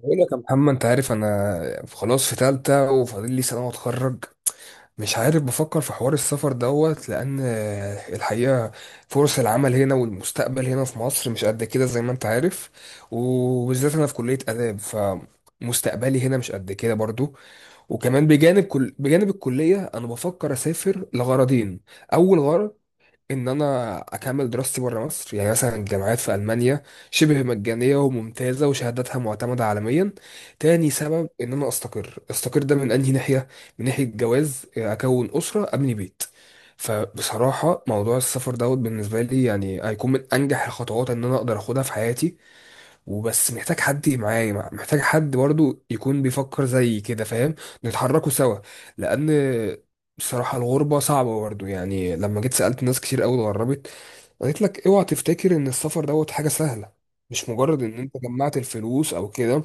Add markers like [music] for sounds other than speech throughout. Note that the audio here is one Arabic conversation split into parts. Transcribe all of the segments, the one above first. بقول لك يا محمد، انت عارف انا خلاص في تالتة وفاضل لي سنة واتخرج. مش عارف، بفكر في حوار السفر دوت لان الحقيقة فرص العمل هنا والمستقبل هنا في مصر مش قد كده زي ما انت عارف. وبالذات انا في كلية آداب، فمستقبلي هنا مش قد كده برضو. وكمان بجانب الكلية انا بفكر اسافر لغرضين. اول غرض ان انا اكمل دراستي بره مصر، يعني مثلا الجامعات في المانيا شبه مجانيه وممتازه وشهاداتها معتمده عالميا. تاني سبب ان انا استقر. ده من انهي ناحيه؟ من ناحيه جواز، اكون اسره، ابني بيت. فبصراحه موضوع السفر دوت بالنسبه لي يعني هيكون من انجح الخطوات ان انا اقدر اخدها في حياتي. وبس محتاج حد معايا، محتاج حد برضو يكون بيفكر زي كده، فاهم؟ نتحركوا سوا. لان بصراحة الغربة صعبة برضو. يعني لما جيت سألت ناس كتير قوي اتغربت، قالت لك اوعى تفتكر ان السفر دوت حاجة سهلة. مش مجرد ان انت جمعت الفلوس او كده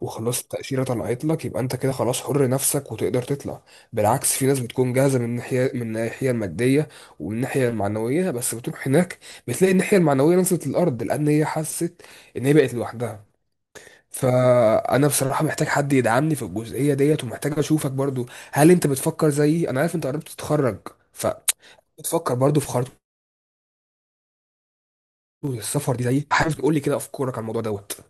وخلاص التأشيرة طلعت لك، يبقى انت كده خلاص حر نفسك وتقدر تطلع. بالعكس، في ناس بتكون جاهزة من الناحية المادية ومن الناحية المعنوية، بس بتروح هناك بتلاقي الناحية المعنوية نزلت الأرض، لأن هي حست إن هي بقت لوحدها. فانا بصراحه محتاج حد يدعمني في الجزئيه ديت ومحتاج اشوفك برضو. هل انت بتفكر زيي؟ انا عارف انت قربت تتخرج، فبتفكر برضو في خطوه السفر دي زيي. حابب تقول لي كده افكارك على الموضوع دوت؟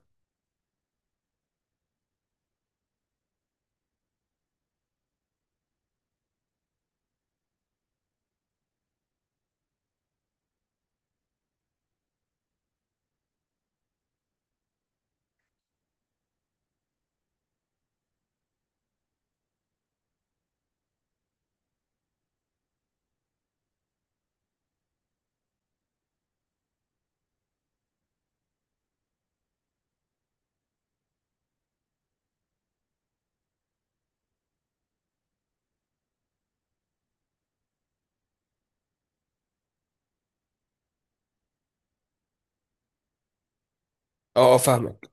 اه اه، فاهمك.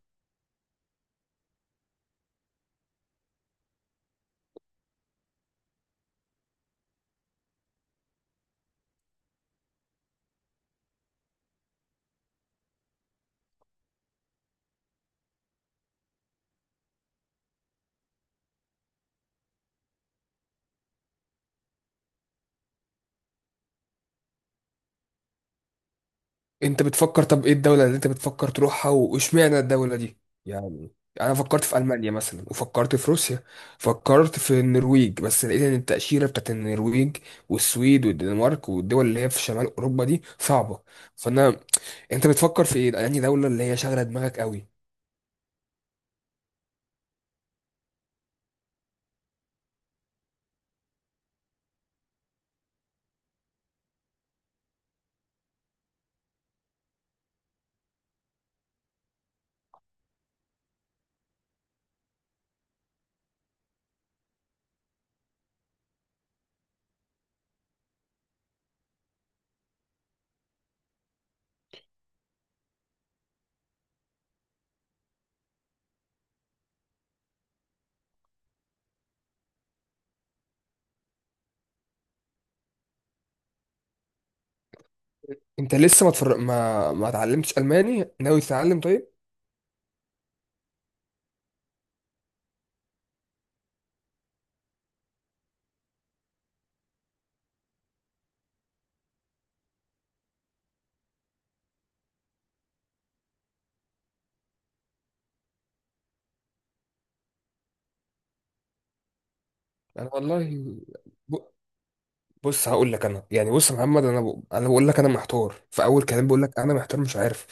انت بتفكر؟ طب ايه الدوله اللي انت بتفكر تروحها واشمعنى الدوله دي؟ يعني انا فكرت في المانيا مثلا، وفكرت في روسيا، فكرت في النرويج، بس لقيت ان التاشيره بتاعت النرويج والسويد والدنمارك والدول اللي هي في شمال اوروبا دي صعبه. فانا، انت بتفكر في ايه؟ يعني دولة اللي هي شاغلة دماغك قوي؟ انت لسه ما تفر... ما ما اتعلمتش الماني، ناوي تتعلم؟ طيب، انا والله، ب... بص هقول لك انا، يعني بص يا محمد، انا انا بقول لك انا محتار، في اول كلام بقول لك انا محتار مش عارف.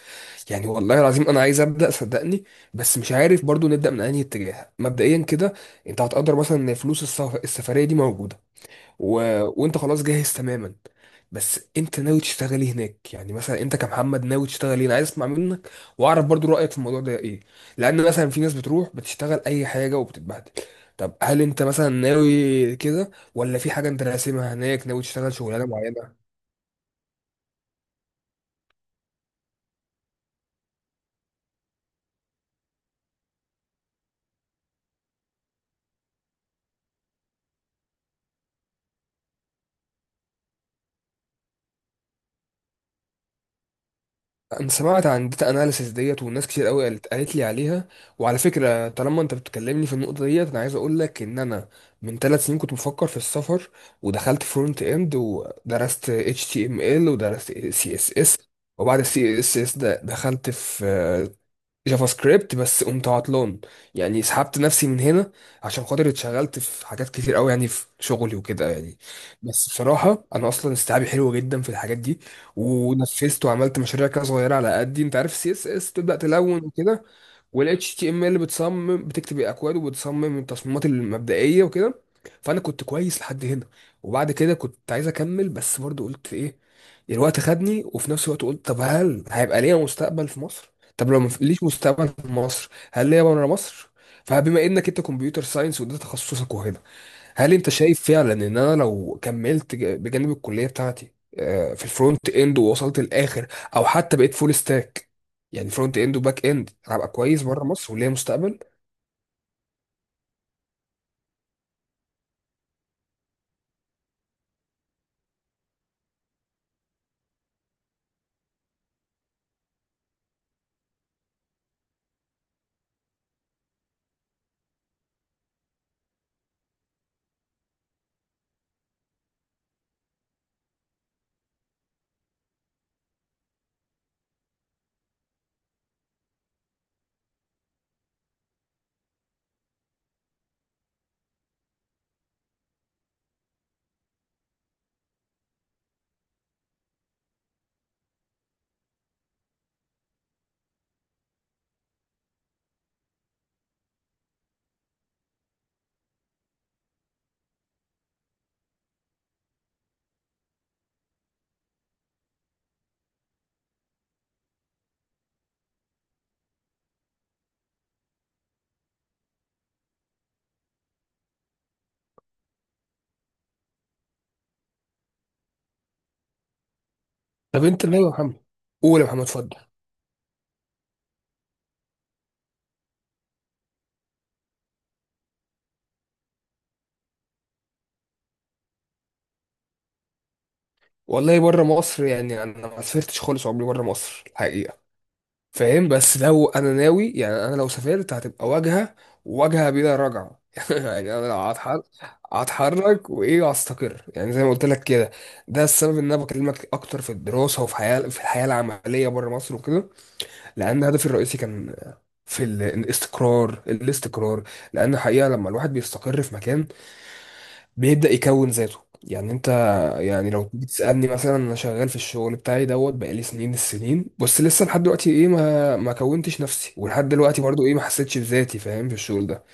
يعني والله العظيم انا عايز ابدا، صدقني، بس مش عارف برضو نبدا من انهي اتجاه مبدئيا كده. انت هتقدر مثلا ان فلوس السفرية دي موجودة، و... وانت خلاص جاهز تماما، بس انت ناوي تشتغلي هناك؟ يعني مثلا انت كمحمد ناوي تشتغلي؟ انا عايز اسمع منك واعرف برضو رايك في الموضوع ده ايه. لان مثلا في ناس بتروح بتشتغل اي حاجه وبتتبهدل. طب هل انت مثلا ناوي كده، ولا في حاجه انت راسمها هناك ناوي تشتغل شغلانه معينه؟ انا سمعت عن داتا اناليسيس ديت، والناس كتير قوي قالت لي عليها. وعلى فكره طالما انت بتكلمني في النقطه ديت، انا عايز اقول لك ان انا من 3 سنين كنت بفكر في السفر. ودخلت فرونت اند، ودرست اتش تي ام ال، ودرست سي اس اس. وبعد السي اس اس ده دخلت في جافا سكريبت، بس قمت عطلان. يعني سحبت نفسي من هنا عشان خاطر اتشغلت في حاجات كتير قوي، يعني في شغلي وكده. يعني بس بصراحة انا اصلا استيعابي حلو جدا في الحاجات دي. ونفذت وعملت مشاريع كده صغيرة على قدي. انت عارف، سي اس اس تبدأ تلون وكده، وال HTML بتصمم، بتكتب الاكواد وبتصمم التصميمات المبدئيه وكده. فانا كنت كويس لحد هنا. وبعد كده كنت عايز اكمل، بس برضو قلت ايه، الوقت خدني. وفي نفس الوقت قلت طب هل هيبقى ليا مستقبل في مصر؟ طب لو ما ليش مستقبل في مصر، هل ليا بره مصر؟ فبما انك انت كمبيوتر ساينس وده تخصصك وهنا، هل انت شايف فعلا ان انا لو كملت بجانب الكليه بتاعتي في الفرونت اند ووصلت الاخر، او حتى بقيت فول ستاك، يعني فرونت اند وباك اند، هبقى كويس بره مصر وليا مستقبل؟ طب انت، لا يا محمد. قول يا محمد، اتفضل. والله بره مصر يعني انا ما سافرتش خالص عمري بره مصر الحقيقه، فاهم. بس لو انا ناوي، يعني انا لو سافرت هتبقى واجهه، واجهه بلا رجعه [laughs] يعني انا لو هتحرك، هتحرك وايه وهستقر، يعني زي ما قلت لك كده. ده السبب ان انا بكلمك اكتر في الدراسه وفي حياه في الحياه العمليه بره مصر وكده. لان هدفي الرئيسي كان في الاستقرار. الاستقرار، لان الحقيقه لما الواحد بيستقر في مكان بيبدأ يكون ذاته. يعني انت، يعني لو تيجي تسألني مثلا، انا شغال في الشغل بتاعي دوت بقالي سنين السنين، بس لسه لحد دلوقتي ايه ما ما كونتش نفسي، ولحد دلوقتي برضو ايه ما حسيتش بذاتي، فاهم، في الشغل ده.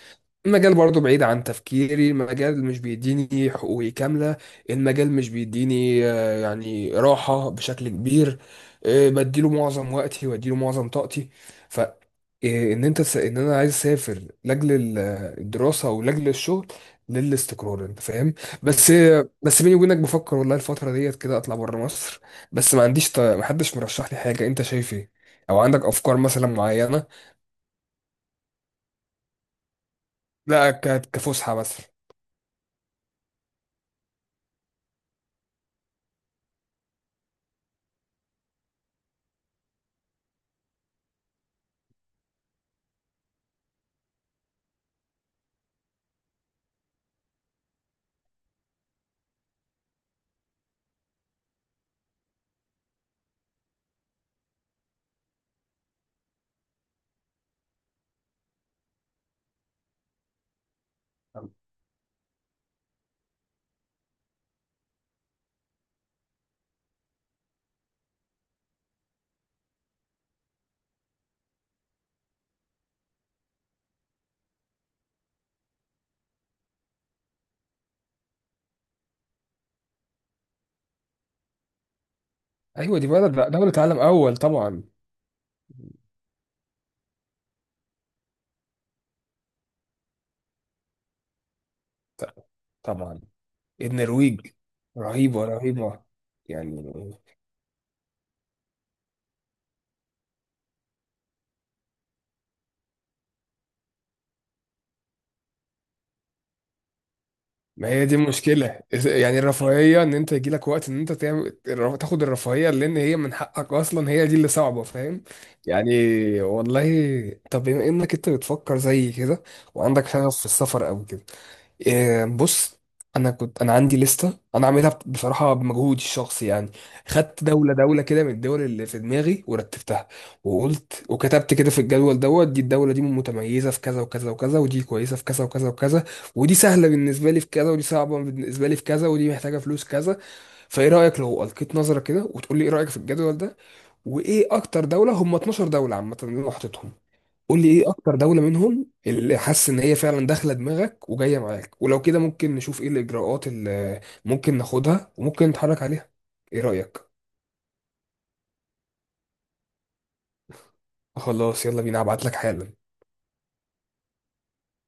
المجال برضه بعيد عن تفكيري، المجال مش بيديني حقوقي كاملة، المجال مش بيديني يعني راحة بشكل كبير، بديله معظم وقتي واديله معظم طاقتي. ف آه، ان انا عايز اسافر لاجل الدراسة ولاجل الشغل للاستقرار، انت فاهم. بس بس بيني وبينك بفكر والله الفترة ديت كده اطلع بره مصر، بس ما عنديش محدش مرشح لي حاجة، انت شايف ايه؟ او عندك افكار مثلا معينة؟ لا، كفسحة مثلا. ايوه، دي بلد، دولة عالم اول طبعا. ط- طبعا النرويج رهيبة رهيبة. يعني ما هي دي المشكلة، يعني الرفاهية ان انت يجيلك وقت ان انت تعمل تاخد الرفاهية، لان هي من حقك اصلا، هي دي اللي صعبة، فاهم. يعني والله طب بما انك انت بتفكر زي كده وعندك شغف في السفر او كده، بص، انا كنت، انا عندي لسته انا عاملها بصراحه بمجهودي الشخصي يعني. خدت دوله دوله كده من الدول اللي في دماغي ورتبتها. وقلت وكتبت كده في الجدول دوت، دي الدوله دي متميزه في كذا وكذا وكذا، ودي كويسه في كذا وكذا وكذا، ودي سهله بالنسبه لي في كذا، ودي صعبه بالنسبه لي في كذا، ودي محتاجه فلوس كذا. فايه رايك لو القيت نظره كده وتقول لي ايه رايك في الجدول ده، وايه اكتر دوله، هم 12 دوله عامه اللي انا حاططهم. قول لي ايه اكتر دولة منهم اللي حاسس ان هي فعلا داخلة دماغك وجاية معاك، ولو كده ممكن نشوف ايه الاجراءات اللي ممكن ناخدها وممكن نتحرك عليها. ايه رأيك؟ خلاص، يلا بينا، هبعت لك حالا.